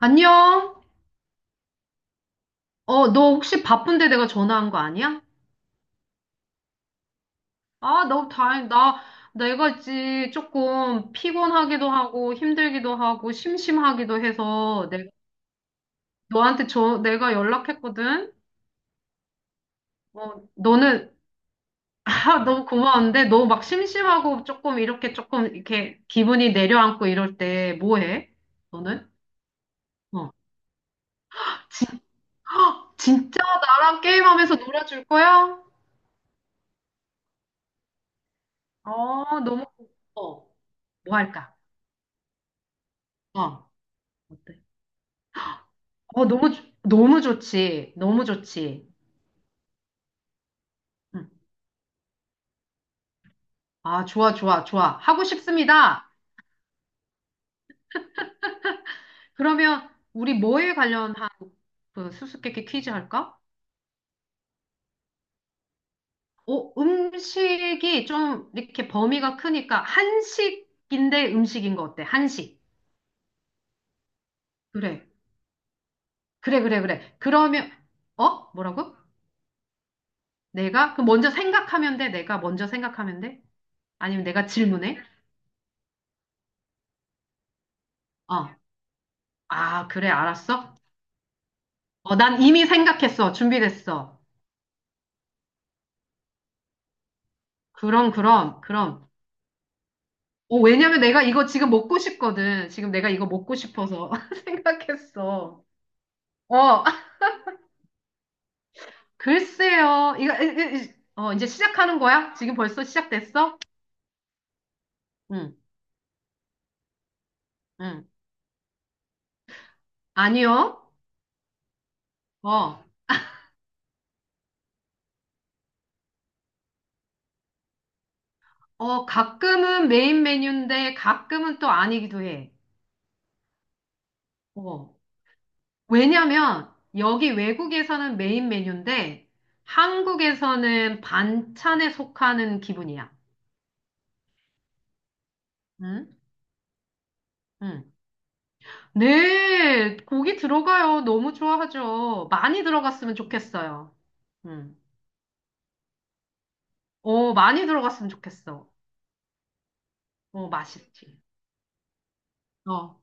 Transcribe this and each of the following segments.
안녕? 너 혹시 바쁜데 내가 전화한 거 아니야? 아, 너무 다행이다. 내가 있지 조금 피곤하기도 하고 힘들기도 하고 심심하기도 해서 내가 너한테 내가 연락했거든. 너는 아, 너무 고마운데 너 막 심심하고 조금 이렇게 기분이 내려앉고 이럴 때 뭐 해? 너는? 어. 진, 헉, 진짜 나랑 게임하면서 놀아줄 거야? 어, 너무 고- 어, 뭐 할까? 어. 어때? 너무 좋지. 너무 좋지. 음. 아, 좋아, 좋아, 좋아. 하고 싶습니다. 그러면 우리 뭐에 관련한 그 수수께끼 퀴즈 할까? 음식이 좀 이렇게 범위가 크니까 한식인데 음식인 거 어때? 한식. 그래. 그래, 그래, 그래. 그러면, 어? 뭐라고? 내가? 그럼 먼저 생각하면 돼? 내가 먼저 생각하면 돼? 아니면 내가 질문해? 어. 아, 그래, 알았어? 난 이미 생각했어. 준비됐어. 그럼, 그럼, 그럼. 왜냐면 내가 이거 지금 먹고 싶거든. 지금 내가 이거 먹고 싶어서 생각했어. 어, 글쎄요. 이거, 이- 이- 이- 어, 이제 시작하는 거야? 지금 벌써 시작됐어? 응, 응. 아니요. 어, 가끔은 메인 메뉴인데 가끔은 또 아니기도 해. 어. 왜냐면 여기 외국에서는 메인 메뉴인데 한국에서는 반찬에 속하는 기분이야. 응? 응. 네, 고기 들어가요. 너무 좋아하죠. 많이 들어갔으면 좋겠어요. 음. 많이 들어갔으면 좋겠어. 맛있지. 어.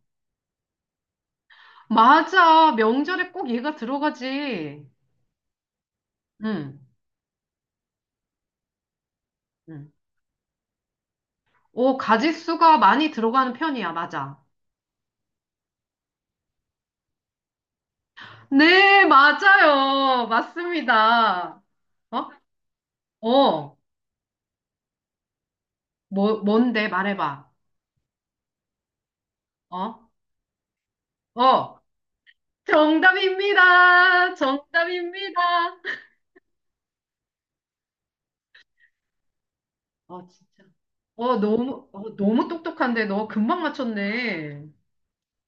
맞아. 명절에 꼭 얘가 들어가지. 음. 음. 가짓수가 많이 들어가는 편이야. 맞아. 네, 맞아요. 맞습니다. 어? 어. 뭔데? 말해봐. 어? 어. 정답입니다. 정답입니다. 아, 진짜. 너무 똑똑한데, 너 금방 맞췄네.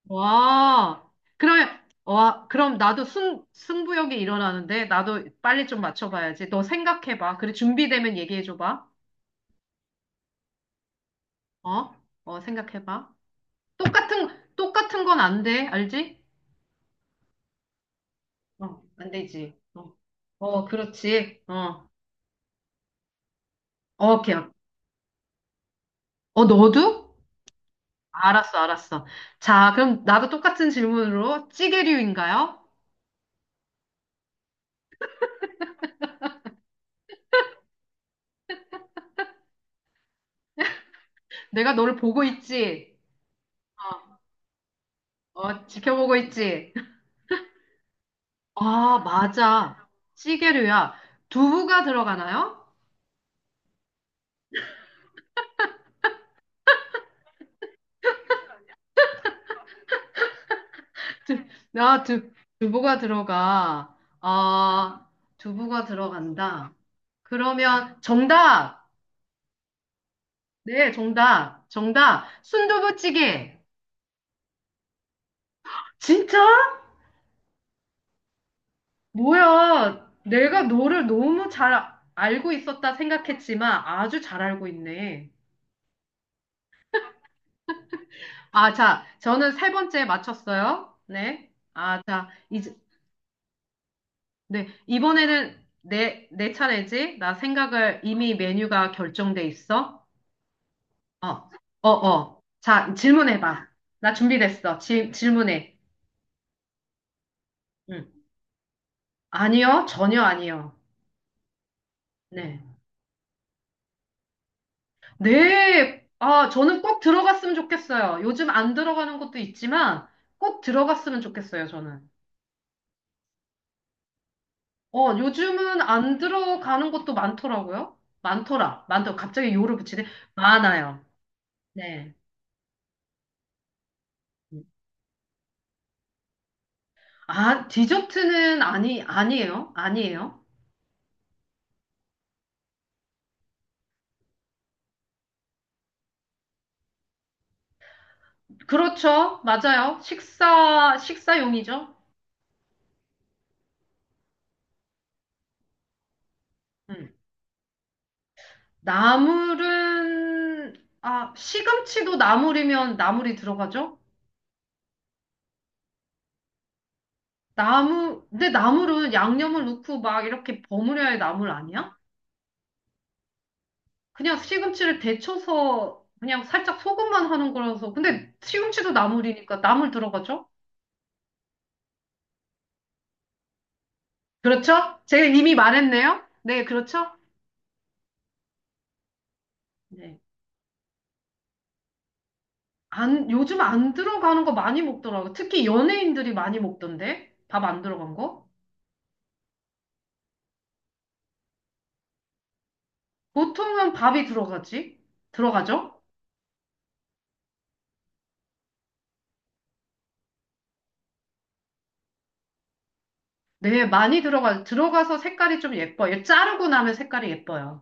와, 그러면, 와, 그럼 나도 승부욕이 일어나는데, 나도 빨리 좀 맞춰봐야지. 너 생각해봐. 그래, 준비되면 얘기해줘봐. 어? 생각해봐. 똑같은, 똑같은 건 안 돼. 알지? 어, 안 되지. 어, 어, 그렇지. 어, 어, 오케이. 어, 너도? 알았어, 알았어. 자, 그럼 나도 똑같은 질문으로 찌개류인가요? 내가 너를 보고 있지? 어, 어, 지켜보고 있지? 아, 맞아. 찌개류야. 두부가 들어가나요? 두, 나 두, 두부가 들어가. 아, 두부가 들어간다. 그러면 정답. 네, 정답. 정답. 순두부찌개. 진짜? 뭐야. 내가 너를 너무 잘 알고 있었다 생각했지만 아주 잘 알고 있네. 아, 자, 저는 세 번째 맞췄어요. 네. 아, 자, 이제 네, 이번에는 내 차례지? 나 생각을 이미 메뉴가 결정돼 있어. 어, 어, 어. 자, 질문해봐. 나 준비됐어. 질문해. 응. 아니요, 전혀 아니요. 네. 네, 아, 저는 꼭 들어갔으면 좋겠어요. 요즘 안 들어가는 것도 있지만 꼭 들어갔으면 좋겠어요, 저는. 요즘은 안 들어가는 것도 많더라고요. 많더라. 많더 갑자기 요를 붙이네. 많아요. 네. 응. 아, 디저트는 아니, 아니에요. 아니에요. 그렇죠. 맞아요. 식사용이죠. 음. 나물은, 아, 시금치도 나물이면 나물이 들어가죠? 근데 나물은 양념을 넣고 막 이렇게 버무려야 할 나물 아니야? 그냥 시금치를 데쳐서 그냥 살짝 소금만 하는 거라서. 근데 시금치도 나물이니까 나물 들어가죠? 그렇죠? 제가 이미 말했네요? 네, 그렇죠? 네. 안, 요즘 안 들어가는 거 많이 먹더라고. 특히 연예인들이 많이 먹던데? 밥 안 들어간 거? 보통은 밥이 들어가지? 들어가죠? 네, 많이 들어가서 색깔이 좀 예뻐. 얘 자르고 나면 색깔이 예뻐요.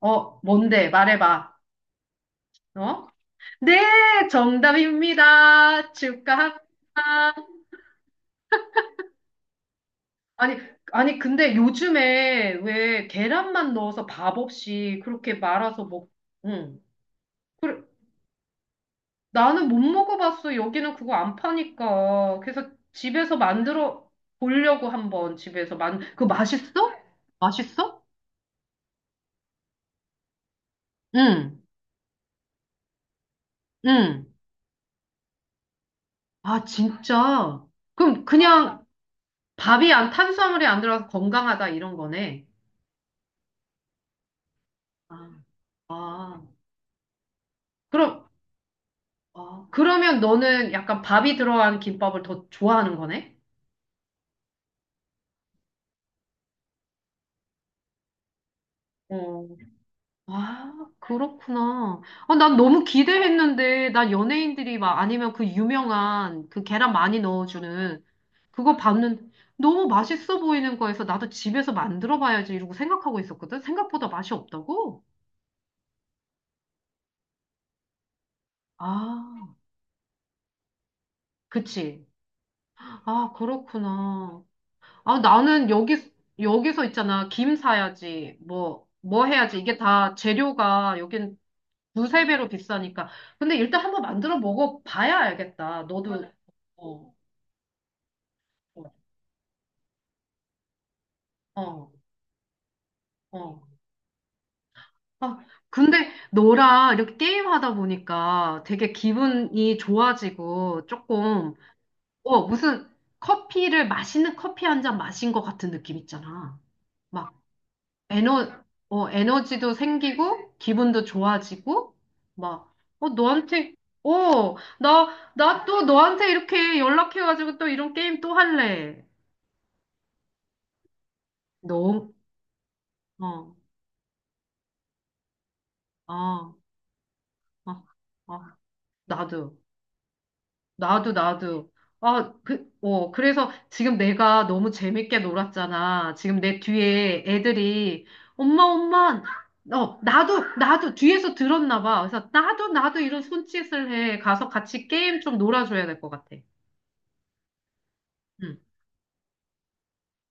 뭔데? 말해봐. 어? 네, 정답입니다. 축하합니다. 아니, 아니, 근데 요즘에 왜 계란만 넣어서 밥 없이 그렇게 말아서 먹, 응. 나는 못 먹어봤어. 여기는 그거 안 파니까. 그래서 집에서 만들어 보려고 한번 그거 맛있어? 맛있어? 응, 응. 아, 진짜. 그럼 그냥 밥이 안, 탄수화물이 안 들어가서 건강하다 이런 거네. 아, 아. 그럼, 그러면 너는 약간 밥이 들어간 김밥을 더 좋아하는 거네? 어, 아, 그렇구나. 아, 난 너무 기대했는데, 난 연예인들이 막 아니면 그 유명한 그 계란 많이 넣어주는 그거 봤는데 너무 맛있어 보이는 거에서 나도 집에서 만들어 봐야지 이러고 생각하고 있었거든? 생각보다 맛이 없다고? 아, 그치. 아, 그렇구나. 아, 나는 여기서 있잖아. 김 사야지. 뭐 해야지. 이게 다 재료가 여긴 두세 배로 비싸니까. 근데 일단 한번 만들어 먹어봐야 알겠다. 너도. 맞아요. 어. 어, 어. 어. 아, 근데 너랑 이렇게 게임하다 보니까 되게 기분이 좋아지고 조금, 무슨 맛있는 커피 한 잔 마신 것 같은 느낌 있잖아. 막 에너, 에너지도 생기고, 기분도 좋아지고, 막, 어, 나, 나 또 너한테 이렇게 연락해가지고 또 이런 게임 또 할래. 너, 어, 어, 어, 어, 나도. 나도, 나도. 아, 그래서 지금 내가 너무 재밌게 놀았잖아. 지금 내 뒤에 애들이, 엄마, 엄마, 나도, 나도, 뒤에서 들었나 봐. 그래서 나도, 나도 이런 손짓을 해. 가서 같이 게임 좀 놀아줘야 될 것 같아. 응.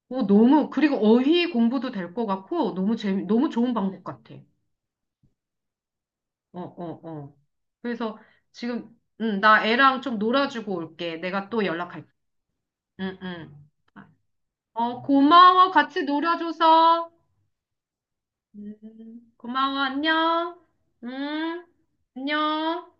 그리고 어휘 공부도 될 것 같고, 너무 좋은 방법 같아. 어, 어, 어. 그래서 지금, 응, 나 애랑 좀 놀아주고 올게. 내가 또 연락할게. 응, 응. 고마워. 같이 놀아줘서. 고마워. 안녕. 응, 안녕.